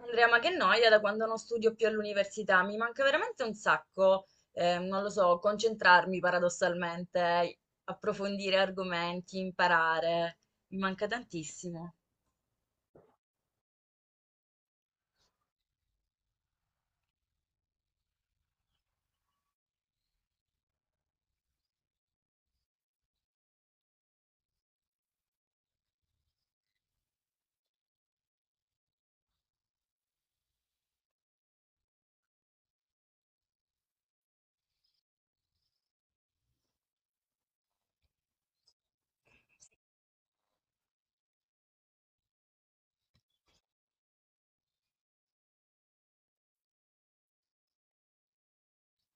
Andrea, ma che noia da quando non studio più all'università, mi manca veramente un sacco, non lo so, concentrarmi paradossalmente, approfondire argomenti, imparare, mi manca tantissimo.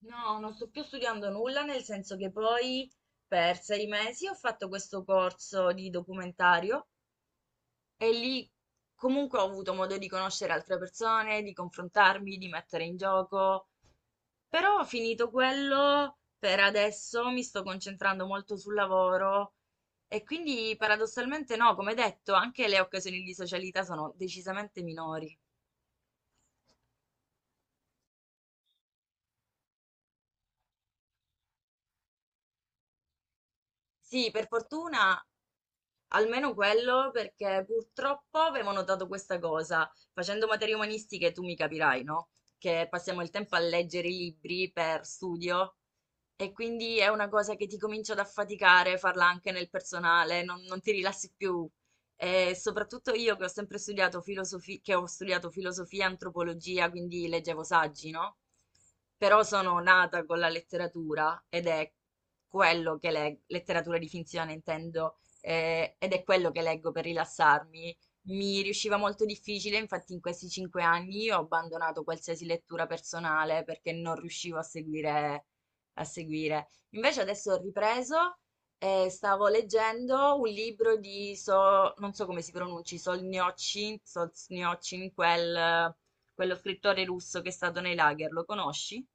No, non sto più studiando nulla, nel senso che poi per sei mesi ho fatto questo corso di documentario e lì comunque ho avuto modo di conoscere altre persone, di confrontarmi, di mettere in gioco. Però ho finito quello, per adesso mi sto concentrando molto sul lavoro e quindi paradossalmente no, come detto, anche le occasioni di socialità sono decisamente minori. Sì, per fortuna almeno quello, perché purtroppo avevo notato questa cosa, facendo materie umanistiche tu mi capirai, no? Che passiamo il tempo a leggere i libri per studio e quindi è una cosa che ti comincia ad affaticare, farla anche nel personale, non ti rilassi più. E soprattutto io che ho sempre studiato filosofia, che ho studiato filosofia e antropologia, quindi leggevo saggi, no? Però sono nata con la letteratura ed è quello che, la letteratura di finzione intendo, ed è quello che leggo per rilassarmi. Mi riusciva molto difficile, infatti in questi cinque anni ho abbandonato qualsiasi lettura personale perché non riuscivo a seguire, Invece adesso ho ripreso e stavo leggendo un libro di, non so come si pronunci, Solzhenitsyn, Solzhenitsyn, quello scrittore russo che è stato nei lager, lo conosci?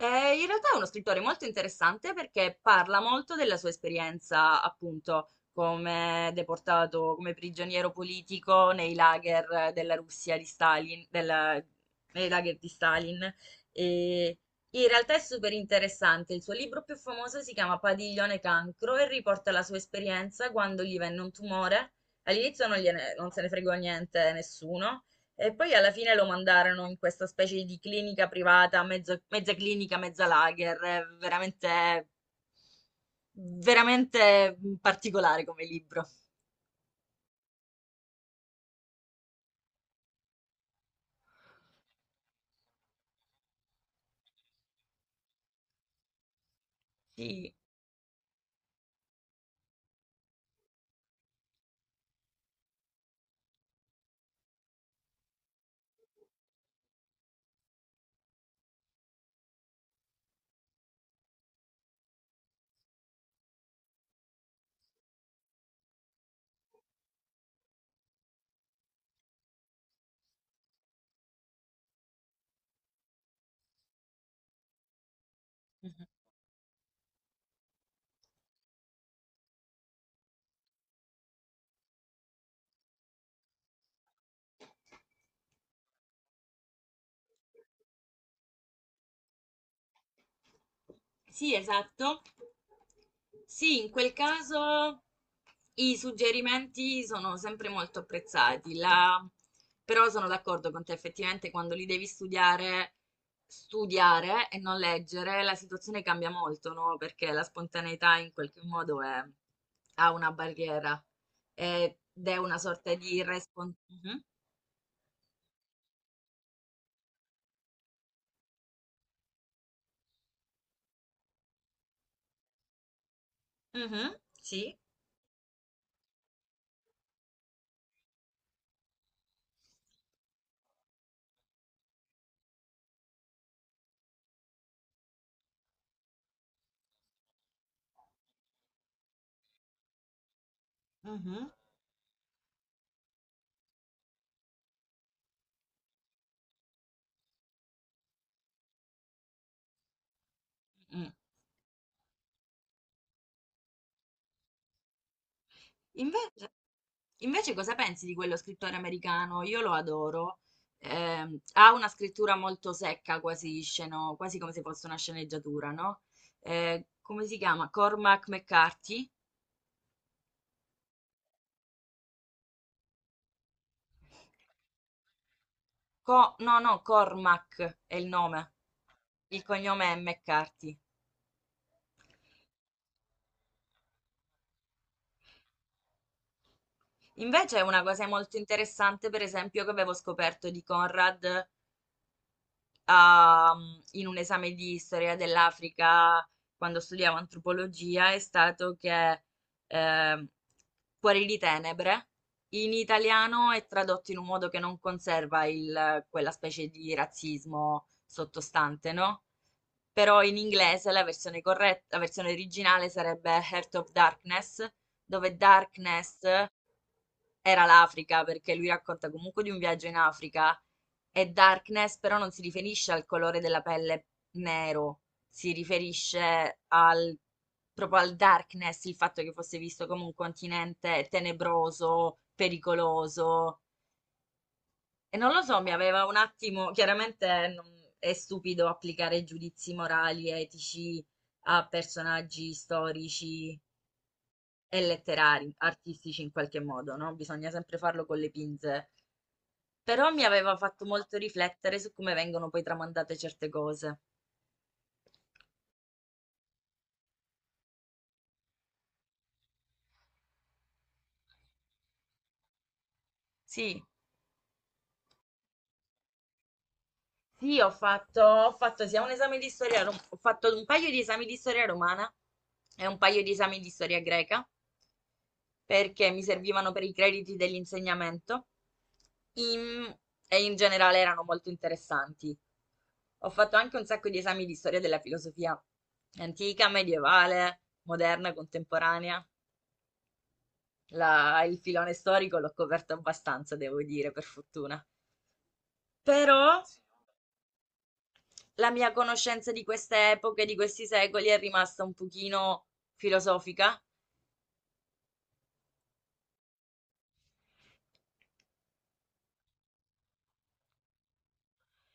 In realtà è uno scrittore molto interessante perché parla molto della sua esperienza, appunto, come deportato, come prigioniero politico nei lager della Russia di Stalin, nei lager di Stalin. E in realtà è super interessante. Il suo libro più famoso si chiama Padiglione Cancro e riporta la sua esperienza quando gli venne un tumore. All'inizio non non se ne fregò niente nessuno. E poi alla fine lo mandarono in questa specie di clinica privata, mezza clinica, mezza lager, è veramente, veramente particolare come libro. Sì. Sì, esatto. Sì, in quel caso i suggerimenti sono sempre molto apprezzati. Però sono d'accordo con te, effettivamente quando li devi studiare, studiare e non leggere, la situazione cambia molto, no? Perché la spontaneità in qualche modo ha una barriera ed è una sorta di responsabilità. Sì. Mhm. Sì. Mm. Invece, invece cosa pensi di quello scrittore americano? Io lo adoro. Ha una scrittura molto secca, quasi come se fosse una sceneggiatura, no? Come si chiama? Cormac McCarthy? No, no, Cormac è il nome. Il cognome è McCarthy. Invece una cosa molto interessante, per esempio, che avevo scoperto di Conrad, in un esame di storia dell'Africa quando studiavo antropologia è stato che, ehm, Cuori di tenebre in italiano è tradotto in un modo che non conserva quella specie di razzismo sottostante, no? Però in inglese la versione corretta, la versione originale sarebbe Heart of Darkness, dove Darkness era l'Africa, perché lui racconta comunque di un viaggio in Africa, e Darkness però non si riferisce al colore della pelle nero, si riferisce al, proprio al Darkness, il fatto che fosse visto come un continente tenebroso, pericoloso, e non lo so, mi aveva un attimo, chiaramente è stupido applicare giudizi morali, etici a personaggi storici e letterari, artistici in qualche modo, no? Bisogna sempre farlo con le pinze. Però mi aveva fatto molto riflettere su come vengono poi tramandate certe cose. Sì, sì, ho fatto sia un esame di storia, ho fatto un paio di esami di storia romana e un paio di esami di storia greca. Perché mi servivano per i crediti dell'insegnamento in- e in generale erano molto interessanti. Ho fatto anche un sacco di esami di storia della filosofia antica, medievale, moderna, contemporanea. Il filone storico l'ho coperto abbastanza, devo dire, per fortuna. Però la mia conoscenza di queste epoche, di questi secoli è rimasta un pochino filosofica.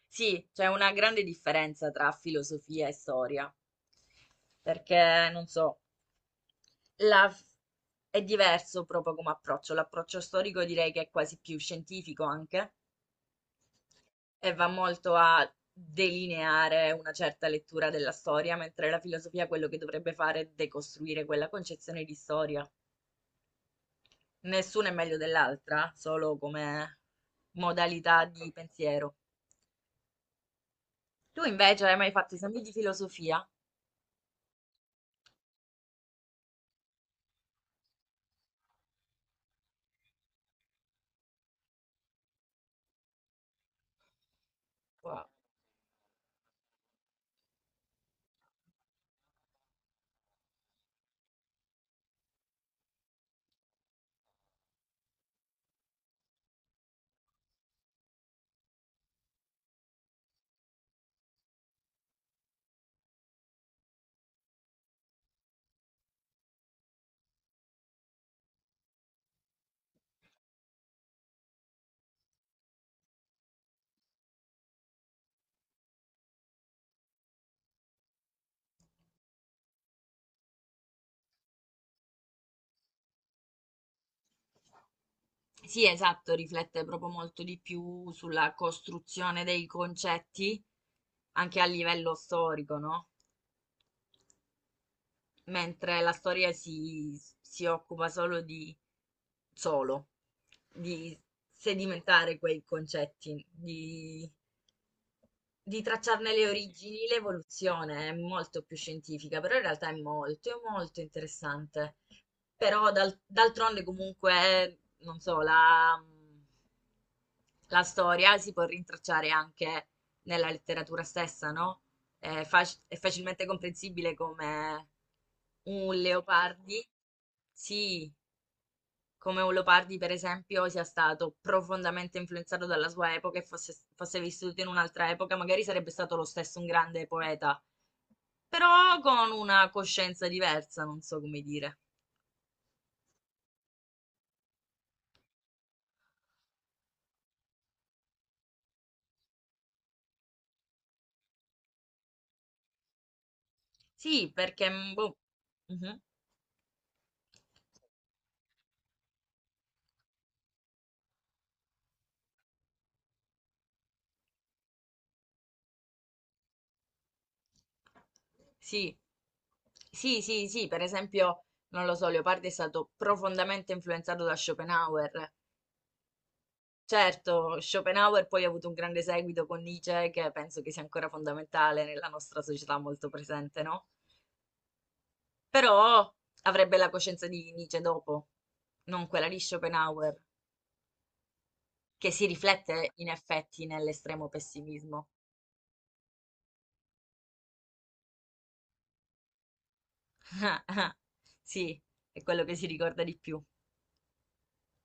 Sì, c'è una grande differenza tra filosofia e storia, perché non so, La f- è diverso proprio come approccio. L'approccio storico direi che è quasi più scientifico anche, e va molto a delineare una certa lettura della storia, mentre la filosofia quello che dovrebbe fare è decostruire quella concezione di storia. Nessuna è meglio dell'altra, solo come modalità di pensiero. Tu invece hai mai fatto esami di filosofia? Wow. Sì, esatto, riflette proprio molto di più sulla costruzione dei concetti anche a livello storico, no? Mentre la storia si occupa solo, di sedimentare quei concetti, di tracciarne le origini, l'evoluzione è molto più scientifica, però in realtà è molto interessante. Però d'altronde comunque, non so, la storia si può rintracciare anche nella letteratura stessa, no? È, è facilmente comprensibile come un Leopardi, sì, come un Leopardi, per esempio, sia stato profondamente influenzato dalla sua epoca e fosse vissuto in un'altra epoca, magari sarebbe stato lo stesso un grande poeta, però con una coscienza diversa, non so come dire. Sì, perché... mm, boh, mhm, sì. Sì, sì, sì, per esempio, non lo so, Leopardi è stato profondamente influenzato da Schopenhauer, certo, Schopenhauer poi ha avuto un grande seguito con Nietzsche, che penso che sia ancora fondamentale nella nostra società, molto presente, no? Però avrebbe la coscienza di Nietzsche dopo, non quella di Schopenhauer, che si riflette in effetti nell'estremo pessimismo. Sì, è quello che si ricorda di più.